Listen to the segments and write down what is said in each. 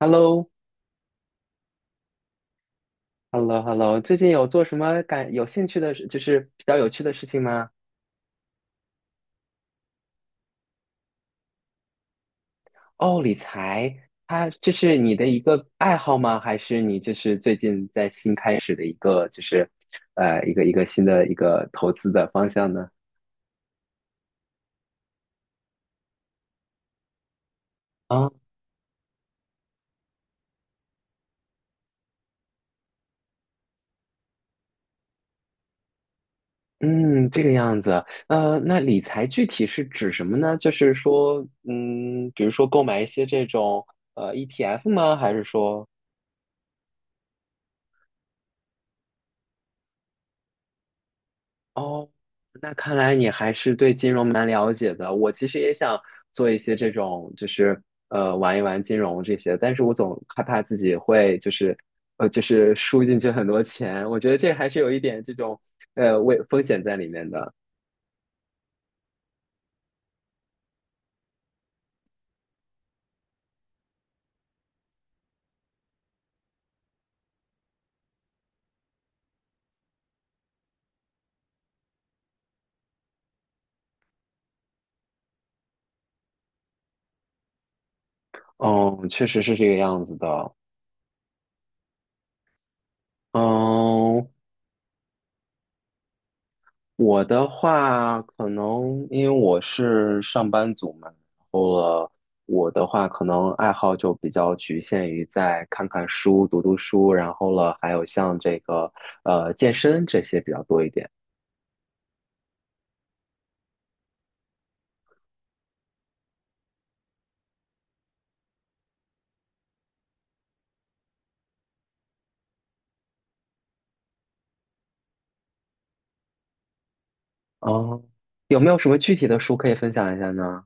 h e l l o h e l l o h e l l o 最近有做什么感有兴趣的事，就是比较有趣的事情吗？哦，理财，它这是你的一个爱好吗？还是你就是最近在新开始的一个，就是一个新的一个投资的方向呢？啊，嗯，这个样子。那理财具体是指什么呢？就是说，比如说购买一些这种ETF 吗？还是说？哦，那看来你还是对金融蛮了解的。我其实也想做一些这种，就是玩一玩金融这些，但是我总害怕自己会就是输进去很多钱。我觉得这还是有一点这种危风险在里面的。嗯，确实是这个样子的。嗯，我的话，可能因为我是上班族嘛，然后了，我的话可能爱好就比较局限于在看看书、读读书，然后了，还有像这个健身这些比较多一点。哦，有没有什么具体的书可以分享一下呢？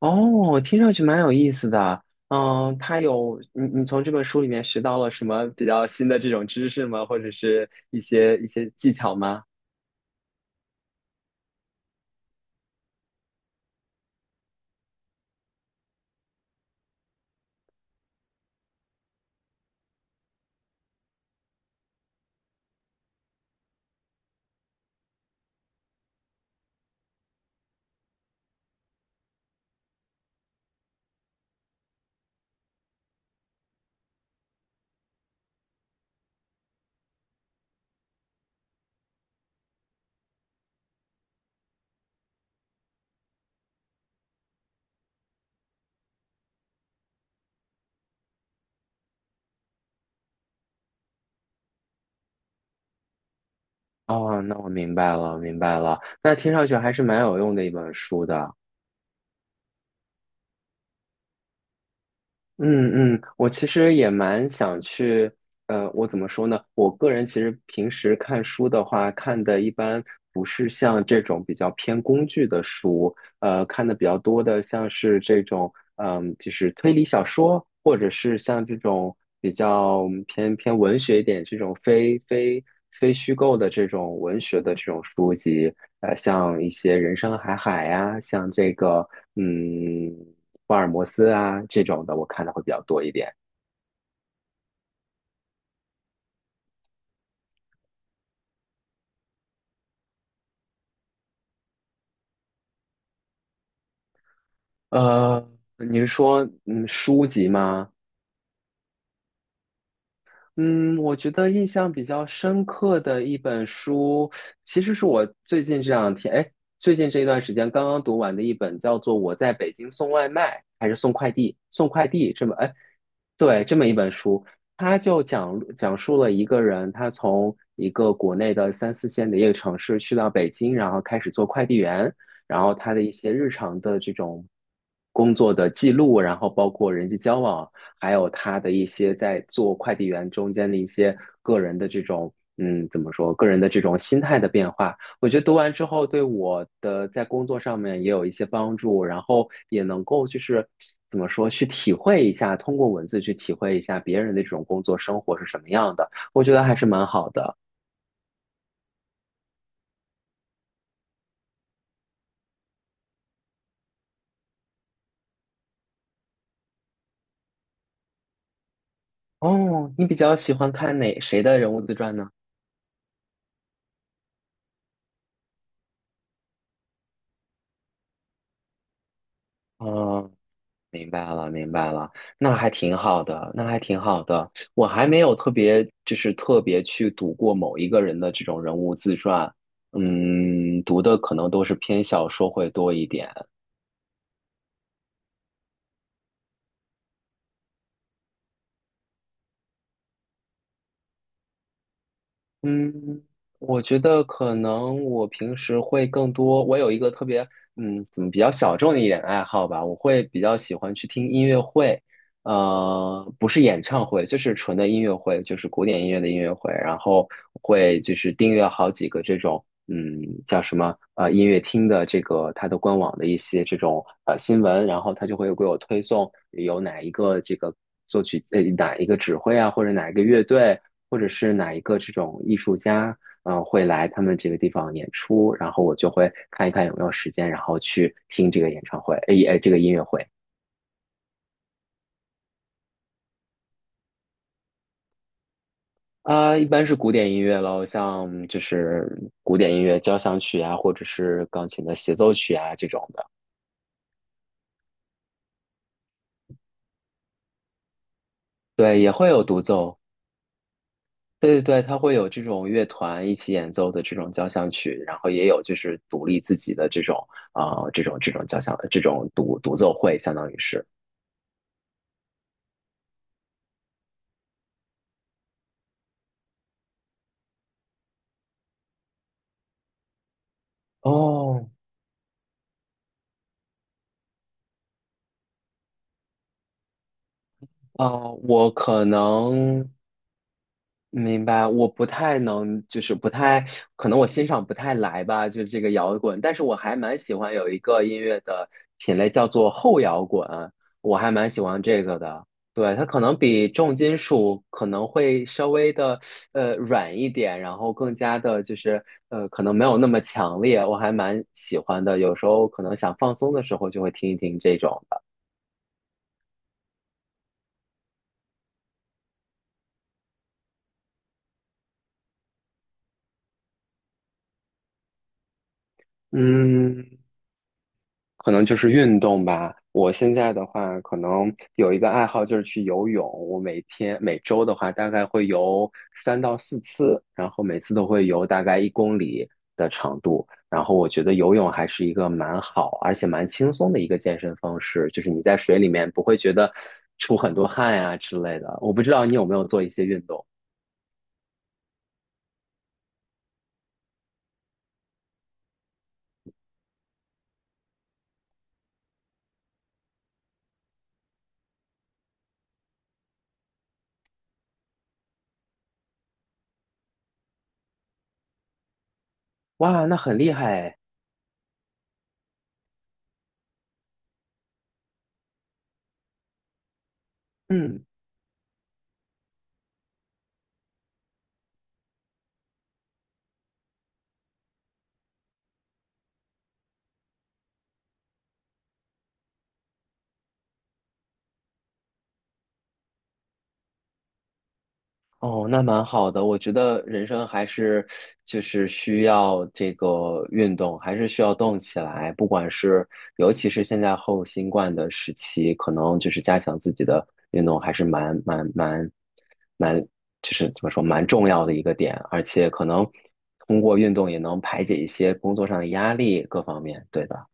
哦，听上去蛮有意思的。嗯，它有你从这本书里面学到了什么比较新的这种知识吗？或者是一些技巧吗？哦，那我明白了，明白了。那听上去还是蛮有用的一本书的。嗯嗯，我其实也蛮想去，我怎么说呢？我个人其实平时看书的话，看的一般不是像这种比较偏工具的书，看的比较多的，像是这种就是推理小说，或者是像这种比较偏文学一点这种非虚构的这种文学的这种书籍，像一些《人生海海》呀，像这个嗯福尔摩斯啊这种的，我看的会比较多一点。呃，你是说书籍吗？嗯，我觉得印象比较深刻的一本书，其实是我最近这一段时间刚刚读完的一本，叫做《我在北京送外卖还是送快递》，送快递这么，哎，对，这么一本书，它就讲述了一个人，他从一个国内的三四线的一个城市去到北京，然后开始做快递员，然后他的一些日常的这种工作的记录，然后包括人际交往。还有他的一些在做快递员中间的一些个人的这种，怎么说，个人的这种心态的变化，我觉得读完之后对我的在工作上面也有一些帮助，然后也能够就是怎么说，去体会一下，通过文字去体会一下别人的这种工作生活是什么样的，我觉得还是蛮好的。哦，你比较喜欢看哪谁的人物自传呢？哦，明白了，明白了，那还挺好的，那还挺好的。我还没有特别，就是特别去读过某一个人的这种人物自传，读的可能都是偏小说会多一点。嗯，我觉得可能我平时会更多，我有一个特别，怎么比较小众的一点爱好吧，我会比较喜欢去听音乐会，不是演唱会，就是纯的音乐会，就是古典音乐的音乐会，然后会就是订阅好几个这种。嗯，叫什么音乐厅的这个它的官网的一些这种新闻，然后它就会给我推送有哪一个这个作曲哪一个指挥啊，或者哪一个乐队，或者是哪一个这种艺术家，会来他们这个地方演出，然后我就会看一看有没有时间，然后去听这个演唱会，这个音乐会。啊，一般是古典音乐喽，像就是古典音乐交响曲啊，或者是钢琴的协奏曲啊这种的。对，也会有独奏。对对对，它会有这种乐团一起演奏的这种交响曲，然后也有就是独立自己的这种这种交响这种独奏会，相当于是。哦，我可能。明白，我不太能，就是不太，可能我欣赏不太来吧，就这个摇滚，但是我还蛮喜欢有一个音乐的品类叫做后摇滚，我还蛮喜欢这个的。对，它可能比重金属可能会稍微的软一点，然后更加的就是可能没有那么强烈，我还蛮喜欢的。有时候可能想放松的时候就会听一听这种的。嗯，可能就是运动吧。我现在的话，可能有一个爱好就是去游泳。我每天每周的话，大概会游3到4次，然后每次都会游大概1公里的长度。然后我觉得游泳还是一个蛮好，而且蛮轻松的一个健身方式，就是你在水里面不会觉得出很多汗呀、之类的。我不知道你有没有做一些运动？哇，那很厉害哎嗯。哦，那蛮好的。我觉得人生还是就是需要这个运动，还是需要动起来。不管是尤其是现在后新冠的时期，可能就是加强自己的运动还是蛮，就是怎么说蛮重要的一个点。而且可能通过运动也能排解一些工作上的压力，各方面。对的。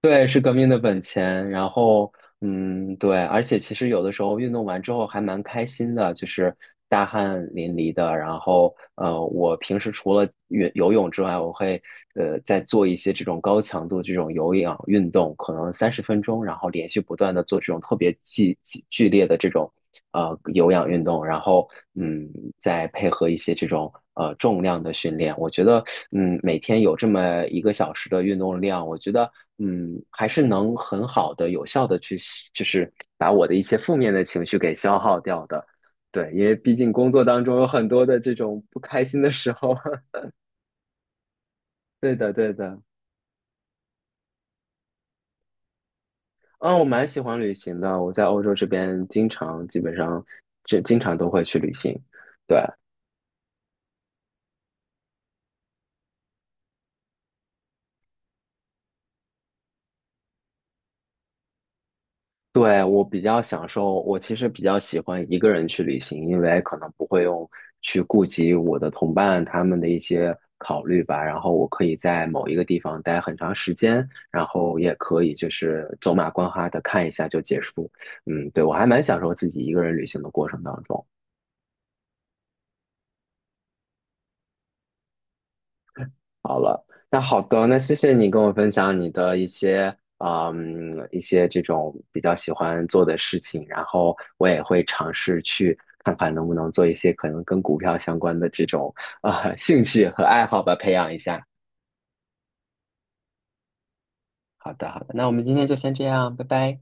对，是革命的本钱。然后，对，而且其实有的时候运动完之后还蛮开心的，就是大汗淋漓的。然后，我平时除了游泳之外，我会再做一些这种高强度这种有氧运动，可能30分钟，然后连续不断的做这种特别剧烈的这种。有氧运动，然后嗯再配合一些这种重量的训练，我觉得每天有这么一个小时的运动量，我觉得还是能很好的有效的去就是把我的一些负面的情绪给消耗掉的。对，因为毕竟工作当中有很多的这种不开心的时候。对的，对的。嗯，我蛮喜欢旅行的。我在欧洲这边经常，基本上，就经常都会去旅行。对，对，我比较享受，我其实比较喜欢一个人去旅行，因为可能不会用去顾及我的同伴他们的一些考虑吧。然后我可以在某一个地方待很长时间，然后也可以就是走马观花的看一下就结束。嗯，对，我还蛮享受自己一个人旅行的过程当中。好了，那好的，那谢谢你跟我分享你的一些，一些这种比较喜欢做的事情，然后我也会尝试去看看能不能做一些可能跟股票相关的这种兴趣和爱好吧，培养一下。好的，好的，那我们今天就先这样，拜拜。